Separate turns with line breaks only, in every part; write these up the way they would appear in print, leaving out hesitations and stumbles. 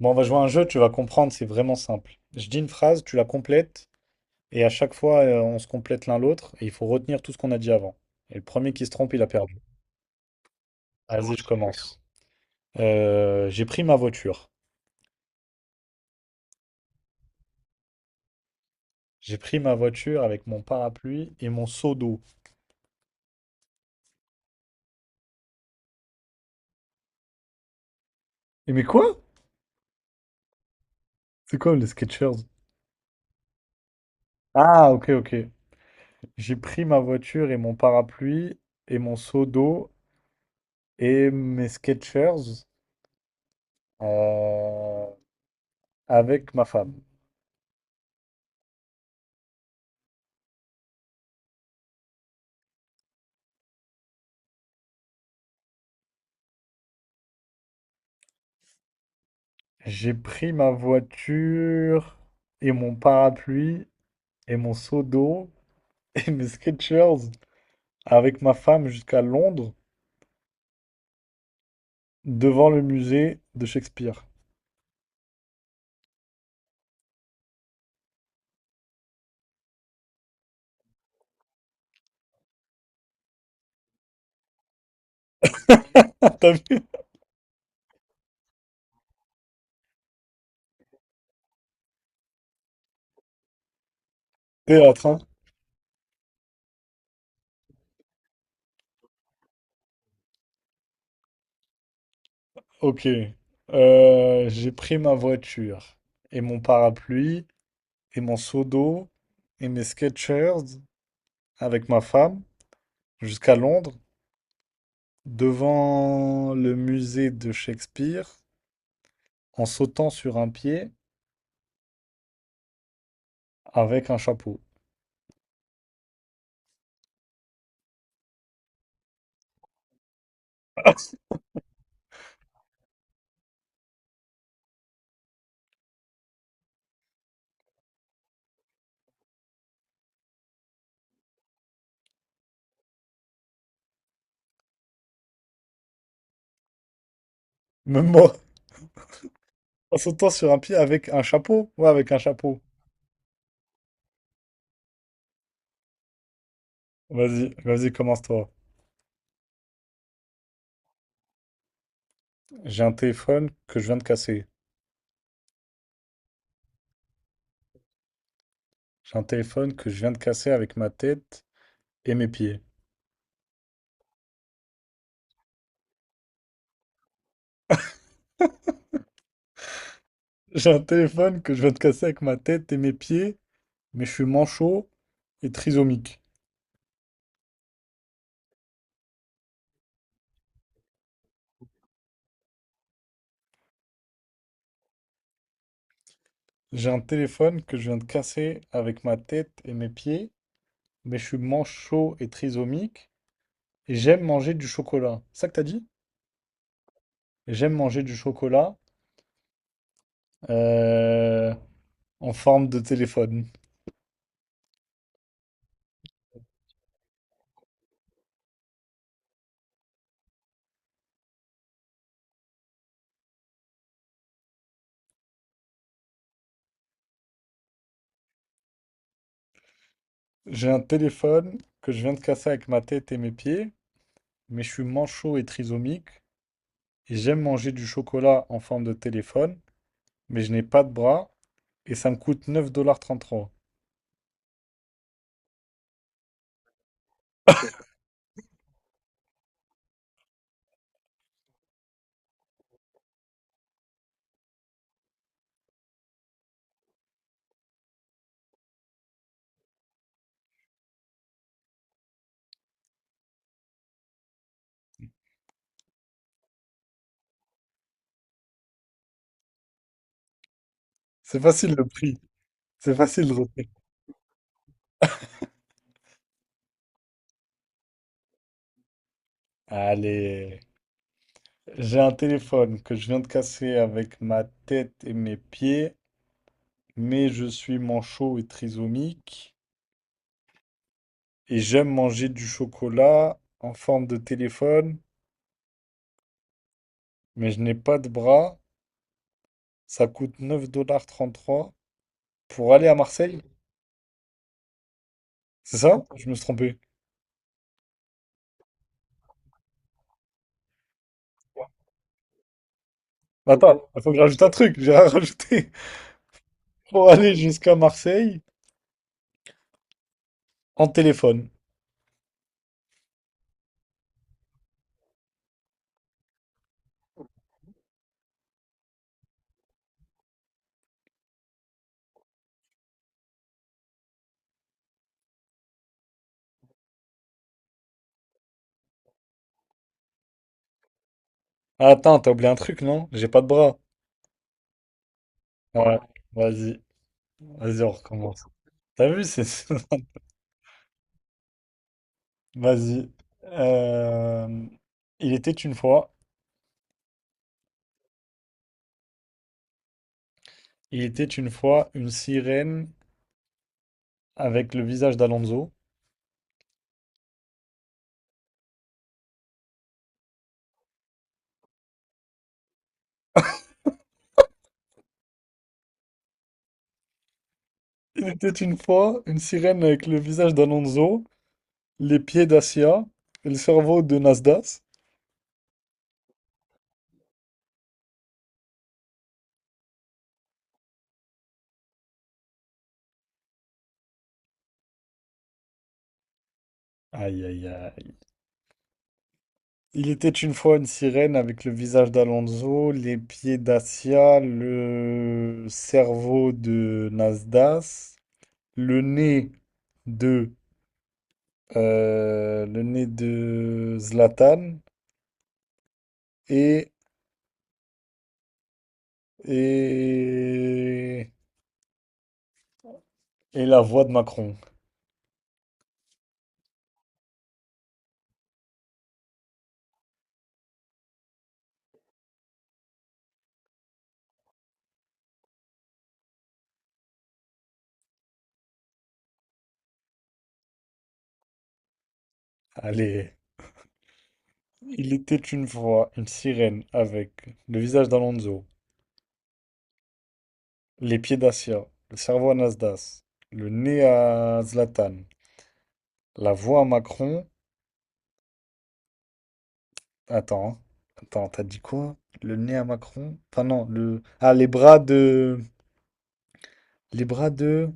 Bon, on va jouer à un jeu, tu vas comprendre, c'est vraiment simple. Je dis une phrase, tu la complètes, et à chaque fois, on se complète l'un l'autre, et il faut retenir tout ce qu'on a dit avant. Et le premier qui se trompe, il a perdu. Vas-y, je commence. J'ai pris ma voiture. J'ai pris ma voiture avec mon parapluie et mon seau d'eau. Et mais quoi? C'est quoi les Skechers? Ah, ok, ok. J'ai pris ma voiture et mon parapluie et mon seau d'eau et mes Skechers euh, avec ma femme. J'ai pris ma voiture et mon parapluie et mon seau d'eau et mes Skechers avec ma femme jusqu'à Londres devant le musée de Shakespeare. Ah, t'as vu? Théâtre, hein? Ok. J'ai pris ma voiture et mon parapluie et mon seau d'eau et mes Skechers avec ma femme jusqu'à Londres devant le musée de Shakespeare en sautant sur un pied avec un chapeau. Même moi. En sautant sur un pied avec un chapeau? Ouais, avec un chapeau. Vas-y, vas-y, commence-toi. J'ai un téléphone que je viens de casser. J'ai un téléphone que je viens de casser avec ma tête et mes pieds. J'ai un téléphone que je viens de casser avec ma tête et mes pieds, mais je suis manchot et trisomique. J'ai un téléphone que je viens de casser avec ma tête et mes pieds, mais je suis manchot et trisomique, et j'aime manger du chocolat. C'est ça que t'as dit? J'aime manger du chocolat euh, en forme de téléphone. J'ai un téléphone que je viens de casser avec ma tête et mes pieds, mais je suis manchot et trisomique, et j'aime manger du chocolat en forme de téléphone, mais je n'ai pas de bras, et ça me coûte 9,33$. C'est facile le prix, c'est facile le retenir. Allez, j'ai un téléphone que je viens de casser avec ma tête et mes pieds, mais je suis manchot et trisomique et j'aime manger du chocolat en forme de téléphone, mais je n'ai pas de bras. Ça coûte neuf dollars trente-trois pour aller à Marseille. C'est ça? Je me suis trompé. Attends, il faut que je rajoute un truc. J'ai rien rajouté. Pour aller jusqu'à Marseille en téléphone. Ah, attends, t'as oublié un truc, non? J'ai pas de bras. Ouais, vas-y. Vas-y, on recommence. T'as vu, c'est... Vas-y. Euh, Il était une fois. Il était une fois une sirène avec le visage d'Alonso. Il était une fois une sirène avec le visage d'Alonso, les pieds d'Acia et le cerveau de Nasdas. Aïe aïe aïe. Il était une fois une sirène avec le visage d'Alonso, les pieds d'Acia, le cerveau de Nasdas, le nez de le nez de Zlatan et et et la voix de Macron. Allez, il était une fois une sirène avec le visage d'Alonso, les pieds d'Acia, le cerveau à Nasdaq, le nez à Zlatan, la voix à Macron. Attends, attends, t'as dit quoi? Le nez à Macron? Enfin non, le... Ah, les bras de... Les bras de...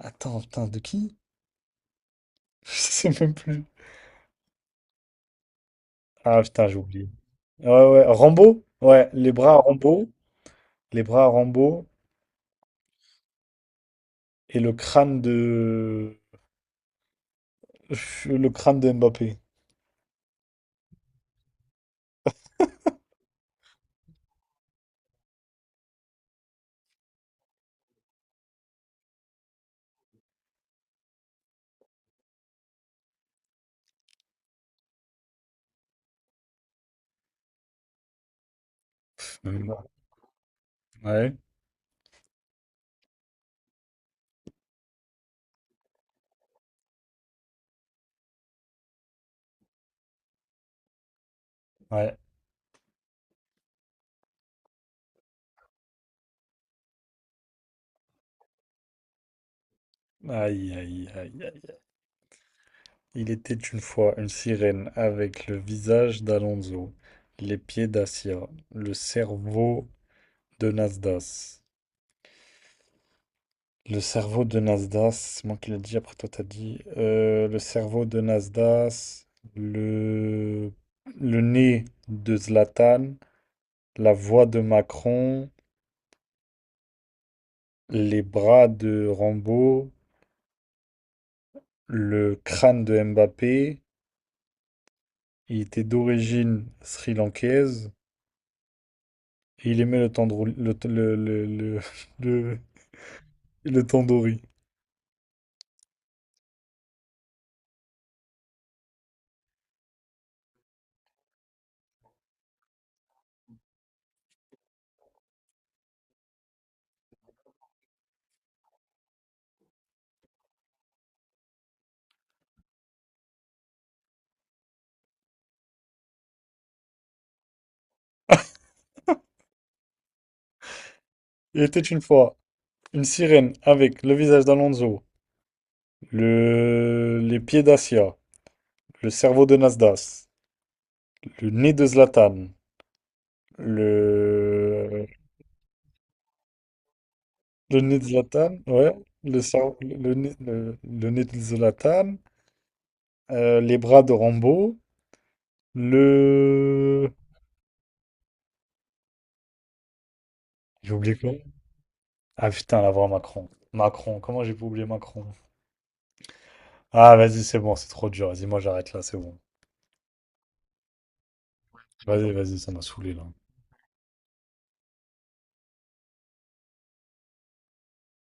Attends, putain, de qui? Je sais même plus. Ah putain, j'ai oublié. Ouais, ouais, Rambo? Ouais, les bras à Rambo, les bras à Rambo et le crâne de... Le crâne de Mbappé. Même ouais, ouais. Aïe, aïe, aïe, aïe. Il était une fois une sirène avec le visage d'Alonso, les pieds d'Assia, le cerveau de Nasdas. Le cerveau de Nasdas, c'est moi qui l'ai dit, après toi t'as dit. Le cerveau de Nasdas, le... le nez de Zlatan, la voix de Macron, les bras de Rambo, le crâne de Mbappé. Il était d'origine sri-lankaise. Et il aimait le tandoori. Le- le tandoori. Il était une fois une sirène avec le visage d'Alonso, les pieds d'Asia, le cerveau de Nasdaq, le nez de Zlatan, le, le nez de Zlatan, ouais, le, cerveau- le nez de Zlatan, les bras de Rambo, le. J'ai oublié quoi? Ah putain, la voix Macron. Macron, comment j'ai pu oublier Macron? Ah, vas-y, c'est bon, c'est trop dur. Vas-y, moi j'arrête là, c'est bon. Vas-y, vas-y, ça m'a saoulé là.